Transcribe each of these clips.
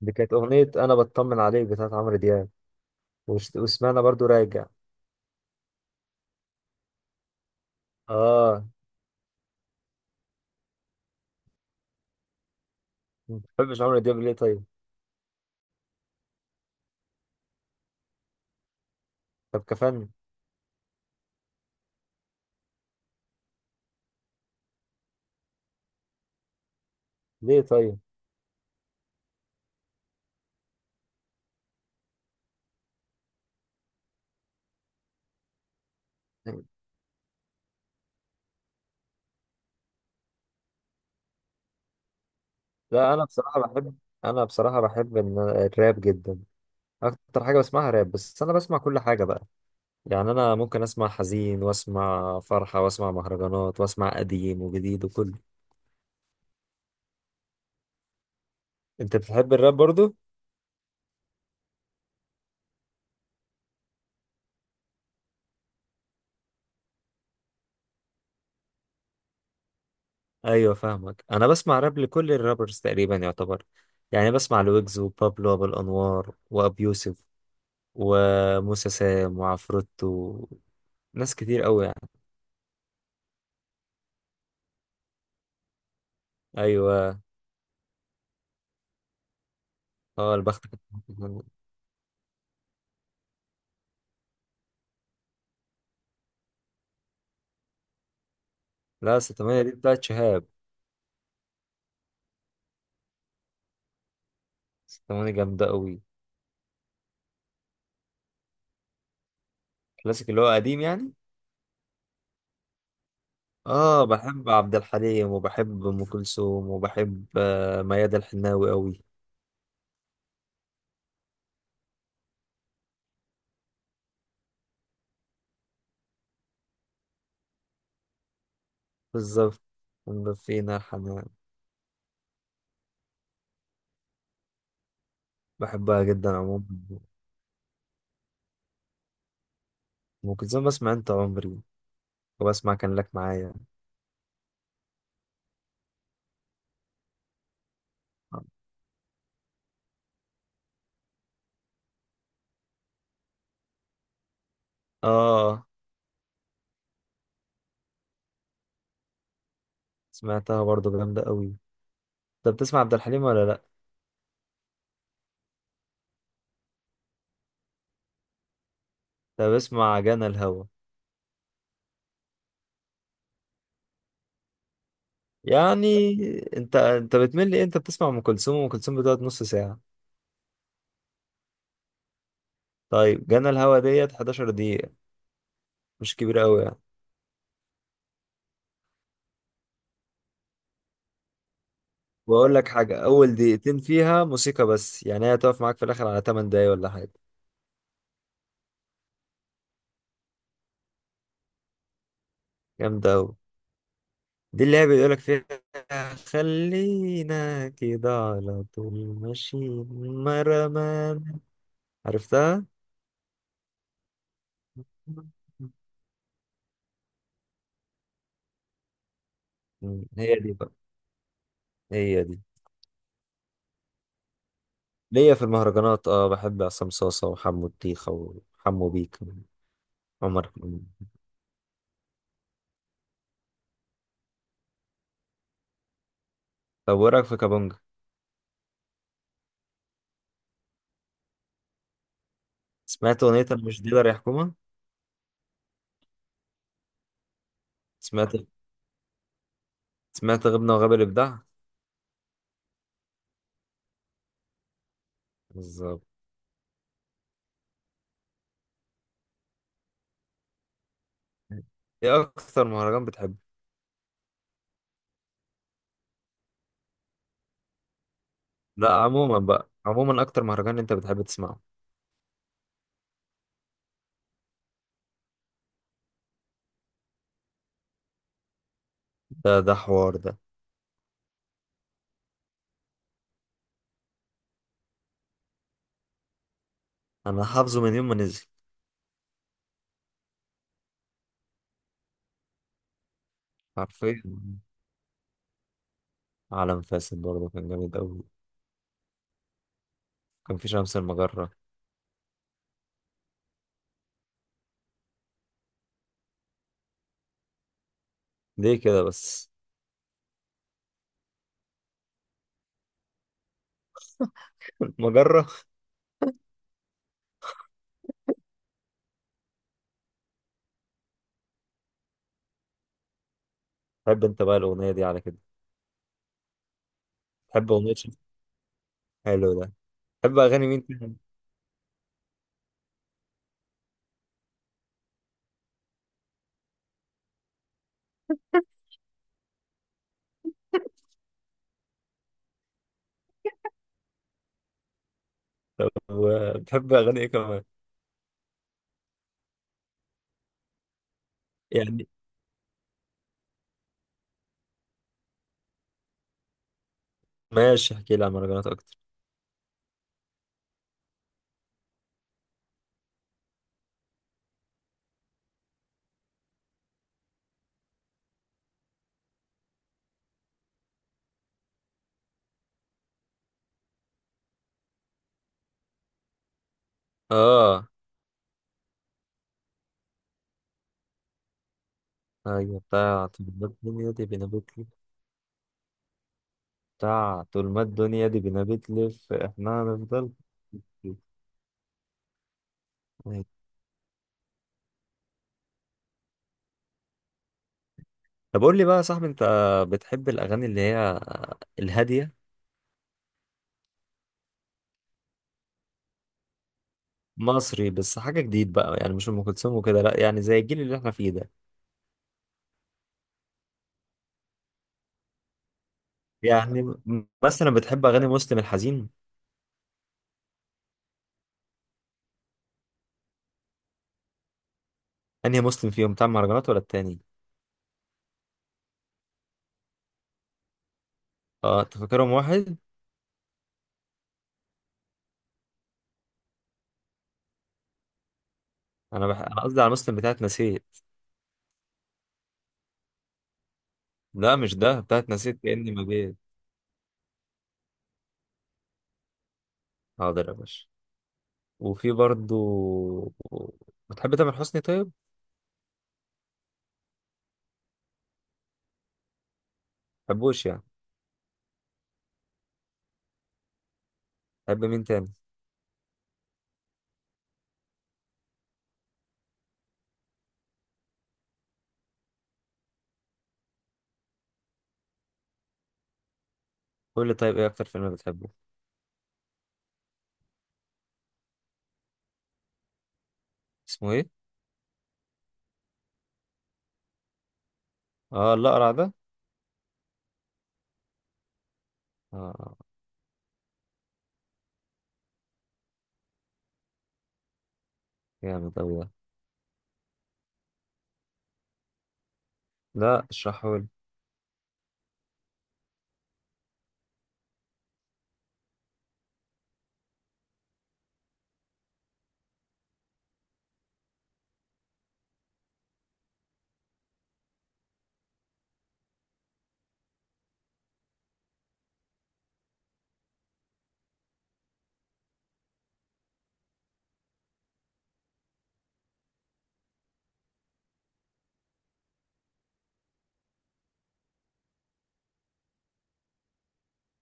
دي كانت أغنية أنا بطمن عليك بتاعت عمرو دياب. وسمعنا برضو راجع. آه. ما بتحبش عمرو دياب ليه طيب؟ طب كفن. ليه طيب؟ لا، أنا بصراحة بحب. أنا بصراحة بحب الراب جدا. أكتر حاجة بسمعها راب، بس أنا بسمع كل حاجة بقى. يعني أنا ممكن أسمع حزين وأسمع فرحة وأسمع مهرجانات وأسمع قديم وجديد وكله. أنت بتحب الراب برضو؟ أيوة، فاهمك. أنا بسمع راب لكل الرابرز تقريبا يعتبر، يعني بسمع لويجز وبابلو أبو الأنوار وأبي يوسف وموسى سام وعفروتو. ناس كتير قوي يعني. ايوه. اه، البخت كانت- لا، ستمانية دي بتاعت شهاب. ستمانية جامدة قوي. كلاسيك اللي هو قديم يعني. اه، بحب عبد الحليم وبحب ام كلثوم وبحب ميادة الحناوي قوي. بالظبط. أم فينا حنان. بحبها جدا عموما. ام كلثوم بسمع انت عمري وبسمع كان لك معايا. اه، سمعتها برضو جامدة قوي. انت بتسمع عبد الحليم ولا لا؟ انت بسمع جانا الهوى. يعني انت بتمل ايه؟ انت بتسمع ام كلثوم، وام كلثوم بتقعد نص ساعه. طيب جانا الهوا ديت 11 دقيقه، مش كبيره قوي يعني. واقول لك حاجه، اول دقيقتين فيها موسيقى بس يعني، هي هتقف معاك في الاخر على 8 دقايق ولا حاجه. جامده قوي. دي اللي هي بيقول لك فيها خلينا كده على طول، ماشيين مرمان. عرفتها. هي دي بقى. هي دي. ليا في المهرجانات اه، بحب عصام صاصا وحمو الطيخة وحمو بيك وعمر. طب وايه رايك في كابونجا؟ سمعت اغنيه أنا مش ديلر يا حكومه. سمعت، سمعت غبنا وغاب الابداع. بالظبط. ايه اكتر مهرجان بتحبه؟ لا، عموما بقى، عموما اكتر مهرجان انت بتحب تسمعه. ده حوار ده. انا حافظه من يوم ما نزل. حرفيا. عالم فاسد برضه كان جامد قوي. كان في شمس المجرة. ليه كده بس؟ المجرة. تحب انت بقى الاغنية دي على كده. تحب اغنية شمس. حلو ده. تحب اغاني مين تاني؟ بتحب اغاني ايه كمان؟ يعني. ماشي، احكي لي عن مهرجانات اكتر. اه. ايوه. بتاع طول ما الدنيا دي بنبتلي فاحنا هنفضل. أيوة. طب قول لي بقى يا صاحبي، انت بتحب الاغاني اللي هي الهاديه. مصري بس حاجه جديد بقى يعني، مش ام كلثوم وكده، لا يعني زي الجيل اللي احنا فيه ده. يعني مثلا بتحب اغاني مسلم الحزين. انهي مسلم فيهم، بتاع المهرجانات ولا التاني؟ اه، انت فاكرهم واحد. انا قصدي على مسلم بتاعت نسيت. لا، مش ده، بتاعت نسيت كاني ما جيت. حاضر يا باشا. وفي برضو، بتحب تامر حسني طيب؟ بحبوش يعني. بحب مين تاني؟ قول لي طيب، ايه اكتر فيلم بتحبه؟ اسمه ايه؟ اه، الأقرع ده؟ اه. جامد اوي ده. لا، اشرحه لي.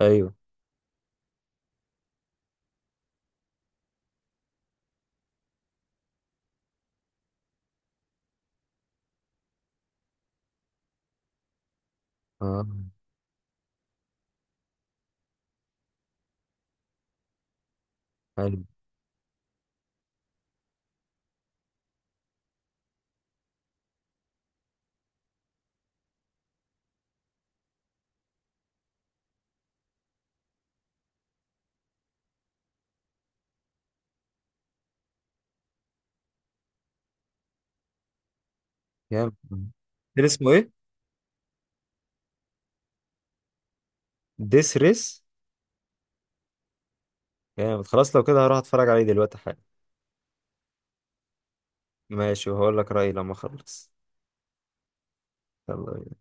ايوه. اه. حلو. جامد. كان اسمه ايه؟ ديس ريس. جامد خلاص، لو كده هروح اتفرج عليه دلوقتي حالا. ماشي، وهقول لك رأيي لما اخلص. يلا.